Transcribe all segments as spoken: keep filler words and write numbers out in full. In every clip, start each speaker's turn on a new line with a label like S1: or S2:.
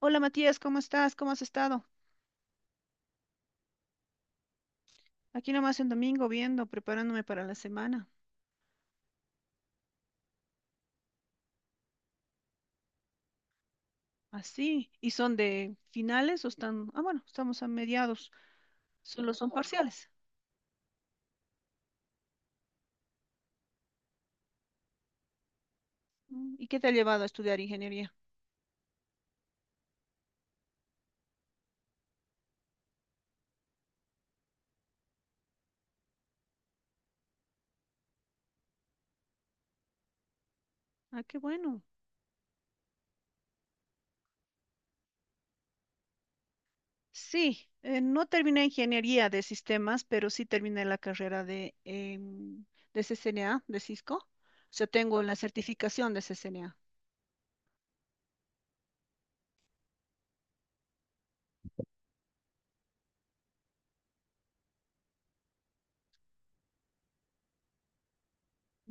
S1: Hola Matías, ¿cómo estás? ¿Cómo has estado? Aquí nomás en domingo viendo, preparándome para la semana. Así. ¿Y son de finales o están? Ah, bueno, estamos a mediados. Solo son parciales. Mm, ¿Y qué te ha llevado a estudiar ingeniería? Ah, qué bueno. Sí, eh, no terminé ingeniería de sistemas, pero sí terminé la carrera de, em, de C C N A, de Cisco. O sea, tengo la certificación de C C N A.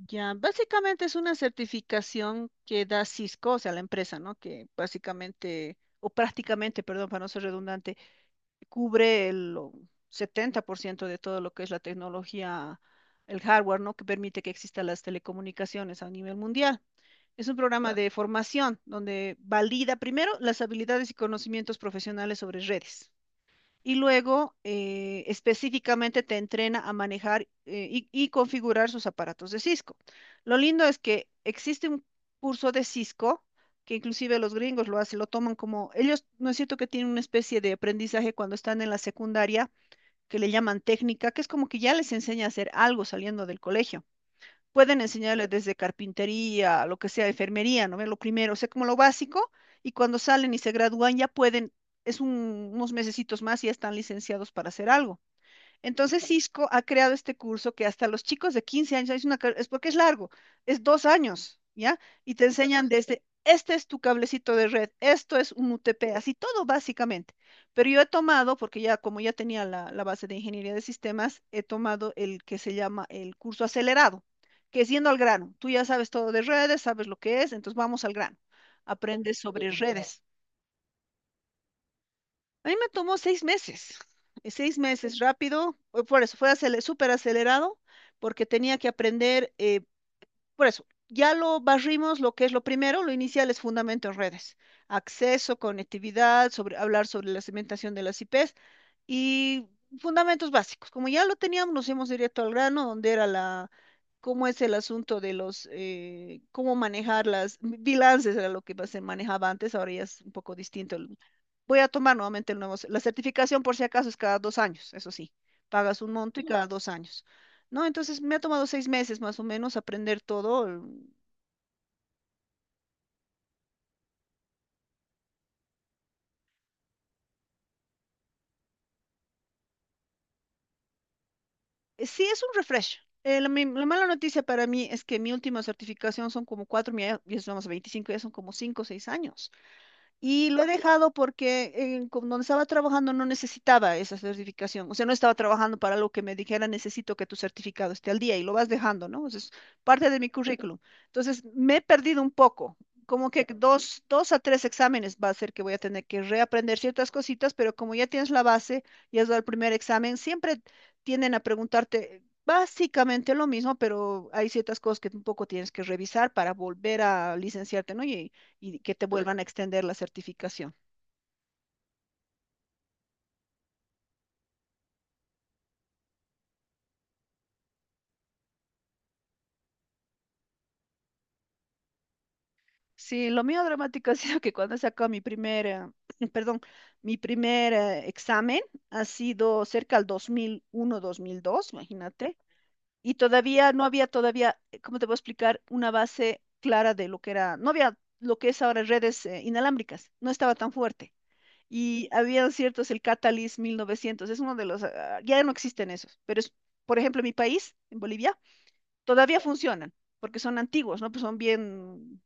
S1: Ya, básicamente es una certificación que da Cisco, o sea, la empresa, ¿no? Que básicamente, o prácticamente, perdón, para no ser redundante, cubre el o, setenta por ciento de todo lo que es la tecnología, el hardware, ¿no? Que permite que existan las telecomunicaciones a nivel mundial. Es un programa, claro, de formación donde valida primero las habilidades y conocimientos profesionales sobre redes. Y luego eh, específicamente te entrena a manejar eh, y, y configurar sus aparatos de Cisco. Lo lindo es que existe un curso de Cisco que inclusive los gringos lo hacen, lo toman como, ellos no es cierto que tienen una especie de aprendizaje cuando están en la secundaria que le llaman técnica, que es como que ya les enseña a hacer algo saliendo del colegio pueden enseñarle desde carpintería, lo que sea, enfermería, ¿no? ¿Ve? Lo primero, o sea, como lo básico, y cuando salen y se gradúan ya pueden, es un- unos mesecitos más y ya están licenciados para hacer algo. Entonces Cisco ha creado este curso que hasta los chicos de quince años, es, una car- es porque es largo, es dos años, ¿ya? Y te enseñan desde, este es tu cablecito de red, esto es un U T P, así todo básicamente. Pero yo he tomado, porque ya como ya tenía la, la base de ingeniería de sistemas, he tomado el que se llama el curso acelerado, que es yendo al grano. Tú ya sabes todo de redes, sabes lo que es, entonces vamos al grano. Aprendes sobre redes. A mí me tomó seis meses, eh, seis meses rápido, fue por eso fue acele- súper acelerado, porque tenía que aprender, eh, por eso, ya lo barrimos, lo que es lo primero, lo inicial es fundamento en redes, acceso, conectividad, sobre, hablar sobre la segmentación de las I Ps, y fundamentos básicos. Como ya lo teníamos, nos hemos directo al grano, donde era la, cómo es el asunto de los, eh, cómo manejar las bilances, era lo que se manejaba antes, ahora ya es un poco distinto. el- Voy a tomar nuevamente el nuevo, la certificación por si acaso es cada dos años, eso sí, pagas un monto y cada dos años. ¿No? Entonces me ha tomado seis meses más o menos aprender todo. el- eh, Sí, es un refresh. Eh, la, mi- la mala noticia para mí es que mi última certificación son como cuatro, mi- ya somos veinticinco ya son como cinco o seis años. Y lo he dejado porque en, con- donde estaba trabajando no necesitaba esa certificación. O sea, no estaba trabajando para algo que me dijera, necesito que tu certificado esté al día y lo vas dejando, ¿no? Eso es parte de mi currículum. Entonces, me he perdido un poco. Como que dos, dos a tres exámenes va a ser que voy a tener que reaprender ciertas cositas, pero como ya tienes la base y has dado el primer examen, siempre tienden a preguntarte básicamente lo mismo, pero hay ciertas cosas que un poco tienes que revisar para volver a licenciarte, ¿no? Y, y que te vuelvan a extender la certificación. Sí, lo mío dramático ha sido que cuando he sacado mi primer, eh, perdón, mi primer eh, examen ha sido cerca al dos mil uno-dos mil dos, imagínate, y todavía no había todavía, eh, ¿cómo te puedo explicar? Una base clara de lo que era, no había lo que es ahora redes eh, inalámbricas, no estaba tan fuerte. Y habían ciertos, el Catalyst mil novecientos, es uno de los, ah, ya no existen esos, pero es, por ejemplo, en mi país, en Bolivia, todavía funcionan, porque son antiguos, ¿no? Pues son bien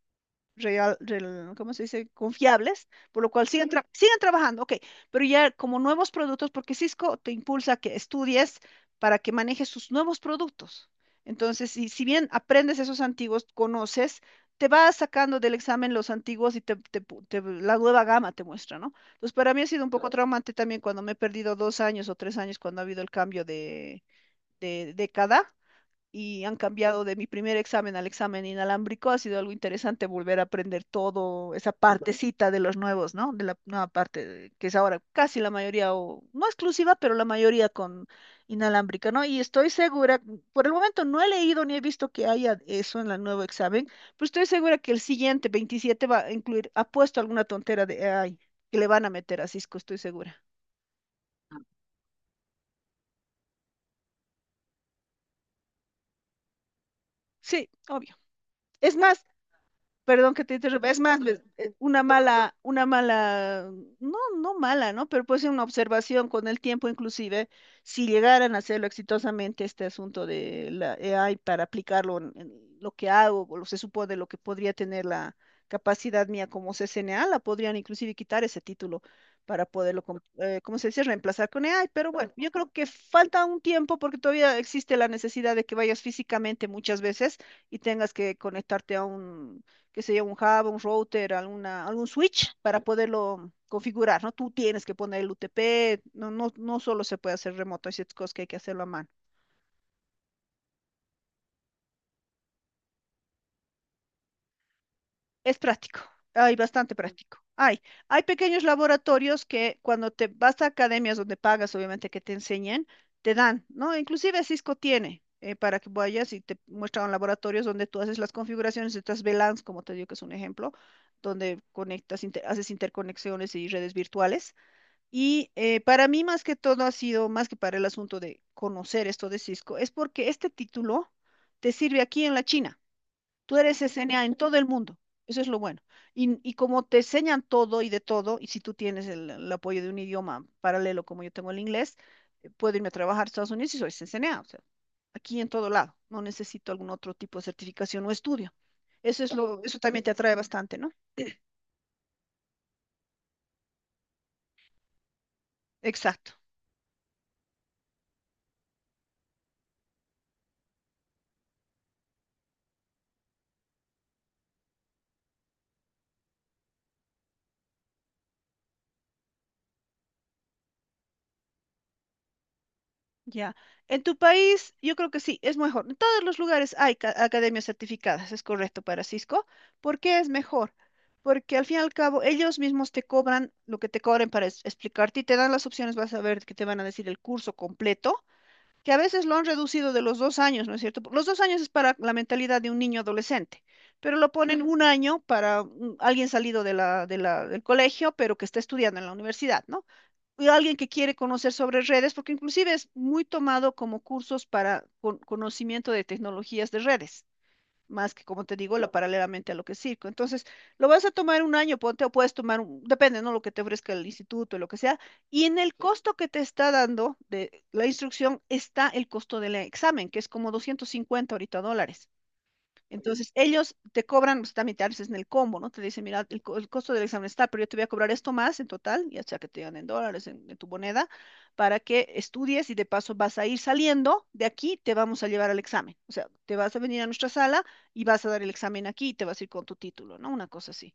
S1: real, rel- ¿cómo se dice? Confiables, por lo cual siguen, tra- siguen trabajando, ok, pero ya como nuevos productos, porque Cisco te impulsa a que estudies para que manejes sus nuevos productos. Entonces, si, si bien aprendes esos antiguos, conoces, te vas sacando del examen los antiguos y te, te pu- te- la nueva gama te muestra, ¿no? Entonces, para mí ha sido un poco traumante también cuando me he perdido dos años o tres años cuando ha habido el cambio de, de década y han cambiado de mi primer examen al examen inalámbrico. Ha sido algo interesante volver a aprender todo, esa partecita de los nuevos, ¿no? De la nueva parte de- que es ahora casi la mayoría, o no exclusiva, pero la mayoría con inalámbrica, ¿no? Y estoy segura, por el momento no he leído ni he visto que haya eso en el nuevo examen, pero estoy segura que el siguiente, veintisiete, va a incluir, ha puesto alguna tontera de A I que le van a meter a Cisco, estoy segura. Sí, obvio. Es más, perdón que te interrumpa, es más, pues, eh, una mala, una mala, no, no mala, ¿no? Pero puede ser una observación con el tiempo, inclusive, si llegaran a hacerlo exitosamente este asunto de la A I para aplicarlo en, en lo que hago, o lo se supone lo que podría tener la capacidad mía como C C N A, la podrían inclusive quitar ese título para poderlo, com- eh, ¿cómo se dice?, reemplazar con A I, pero bueno, yo creo que falta un tiempo porque todavía existe la necesidad de que vayas físicamente muchas veces y tengas que conectarte a un qué sé yo, un hub, un router, alguna, algún switch para poderlo configurar, ¿no? Tú tienes que poner el U T P, no, no, no solo se puede hacer remoto, hay ciertas cosas que hay que hacerlo a mano. Es práctico, hay bastante práctico. Hay, hay pequeños laboratorios que cuando te vas a academias donde pagas, obviamente, que te enseñen, te dan, ¿no? Inclusive Cisco tiene eh, para que vayas y te muestran laboratorios donde tú haces las configuraciones de estas VLANs, como te digo que es un ejemplo, donde conectas, inter- haces interconexiones y redes virtuales. Y eh, para mí más que todo ha sido, más que para el asunto de conocer esto de Cisco, es porque este título te sirve aquí en la China. Tú eres S N A en todo el mundo. Eso es lo bueno. Y, y como te enseñan todo y de todo, y si tú tienes el, el apoyo de un idioma paralelo como yo tengo el inglés, eh, puedo irme a trabajar a Estados Unidos y soy S N A. O sea, aquí en todo lado. No necesito algún otro tipo de certificación o estudio. Eso es lo, eso también te atrae bastante, ¿no? Exacto. Ya. En tu país, yo creo que sí, es mejor. En todos los lugares hay ca- academias certificadas, es correcto para Cisco. ¿Por qué es mejor? Porque al fin y al cabo ellos mismos te cobran lo que te cobren para es- explicarte y te dan las opciones, vas a ver que te van a decir el curso completo, que a veces lo han reducido de los dos años, ¿no es cierto? Los dos años es para la mentalidad de un niño adolescente, pero lo ponen, ujú, un año para mm, alguien salido de la, de la, del colegio, pero que está estudiando en la universidad, ¿no? Y alguien que quiere conocer sobre redes, porque inclusive es muy tomado como cursos para con- conocimiento de tecnologías de redes, más que, como te digo, la paralelamente a lo que es circo. Entonces, lo vas a tomar un año, ponte, o puedes tomar, un- depende, ¿no? Lo que te ofrezca el instituto, lo que sea, y en el costo que te está dando de la instrucción está el costo del examen, que es como doscientos cincuenta ahorita dólares. Entonces, ellos te cobran, pues, también te haces en el combo, ¿no? Te dicen, mira, el, co- el costo del examen está, pero yo te voy a cobrar esto más en total, ya sea que te digan en dólares, en, en tu moneda, para que estudies y de paso vas a ir saliendo de aquí, te vamos a llevar al examen. O sea, te vas a venir a nuestra sala y vas a dar el examen aquí y te vas a ir con tu título, ¿no? Una cosa así.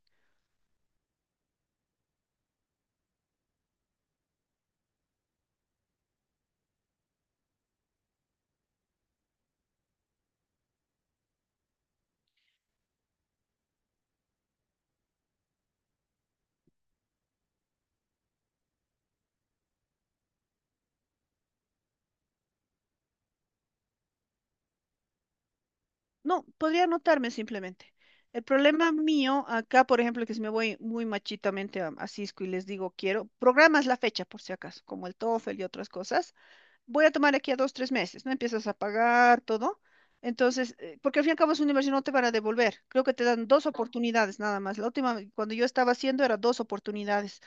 S1: No, podría anotarme simplemente. El problema mío acá, por ejemplo, que si me voy muy machitamente a, a Cisco y les digo, quiero, programas la fecha por si acaso, como el TOEFL y otras cosas voy a tomar aquí a dos, tres meses, ¿no? Empiezas a pagar todo. Entonces, eh, porque al fin y al cabo es una inversión, no te van a devolver. Creo que te dan dos oportunidades nada más. La última, cuando yo estaba haciendo, era dos oportunidades.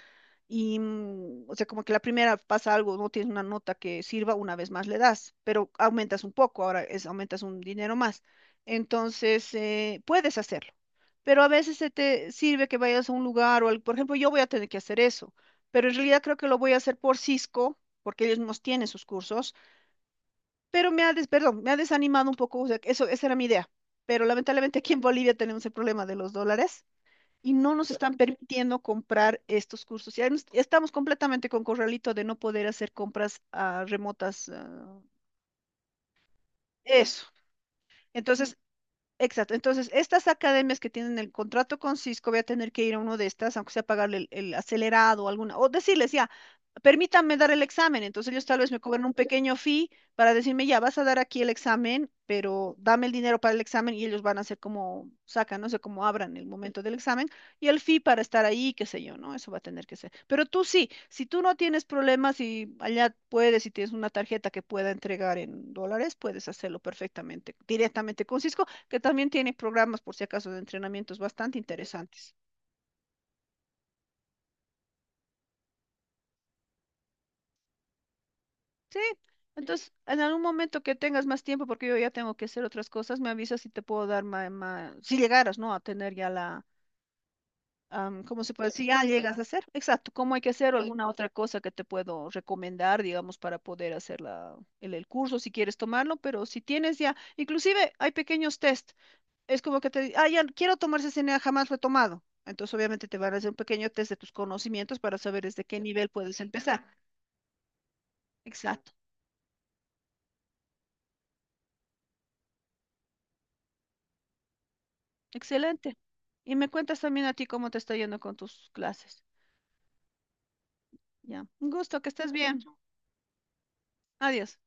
S1: Y, mm, o sea, como que la primera pasa algo, no tienes una nota que sirva, una vez más le das, pero aumentas un poco, ahora es, aumentas un dinero más. Entonces, eh, puedes hacerlo. Pero a veces se te sirve que vayas a un lugar o, al- por ejemplo, yo voy a tener que hacer eso, pero en realidad creo que lo voy a hacer por Cisco porque ellos nos tienen sus cursos pero me ha, des, perdón, me ha desanimado un poco, o sea, eso, esa era mi idea. Pero lamentablemente aquí en Bolivia tenemos el problema de los dólares y no nos están permitiendo comprar estos cursos. Ya nos- estamos completamente con corralito de no poder hacer compras ah, remotas. ah, eso. Entonces, exacto. Entonces, estas academias que tienen el contrato con Cisco, voy a tener que ir a uno de estas, aunque sea pagarle el, el acelerado o alguna, o decirles, ya, permítanme dar el examen. Entonces, ellos tal vez me cobran un pequeño fee para decirme, ya, vas a dar aquí el examen, pero dame el dinero para el examen y ellos van a hacer como sacan, no sé cómo abran el momento del examen y el fee para estar ahí, qué sé yo, ¿no? Eso va a tener que ser. Pero tú sí, si tú no tienes problemas y allá puedes, si tienes una tarjeta que pueda entregar en dólares, puedes hacerlo perfectamente, directamente con Cisco que también tiene programas, por si acaso, de entrenamientos bastante interesantes. Sí, entonces, en algún momento que tengas más tiempo, porque yo ya tengo que hacer otras cosas, me avisas si te puedo dar más, si llegaras, ¿no? A tener ya la, am, ¿cómo se puede? Si ya llegas a hacer, exacto, cómo hay que hacer o alguna otra cosa que te puedo recomendar, digamos, para poder hacer la, el, el curso, si quieres tomarlo, pero si tienes ya, inclusive hay pequeños test. Es como que te digan, ah, ya no, quiero tomar C C N A, jamás lo he tomado. Entonces, obviamente, te van a hacer un pequeño test de tus conocimientos para saber desde qué nivel puedes empezar. Exacto. Excelente. Y me cuentas también a ti cómo te está yendo con tus clases. Ya. Un gusto, que estés bien. Adiós.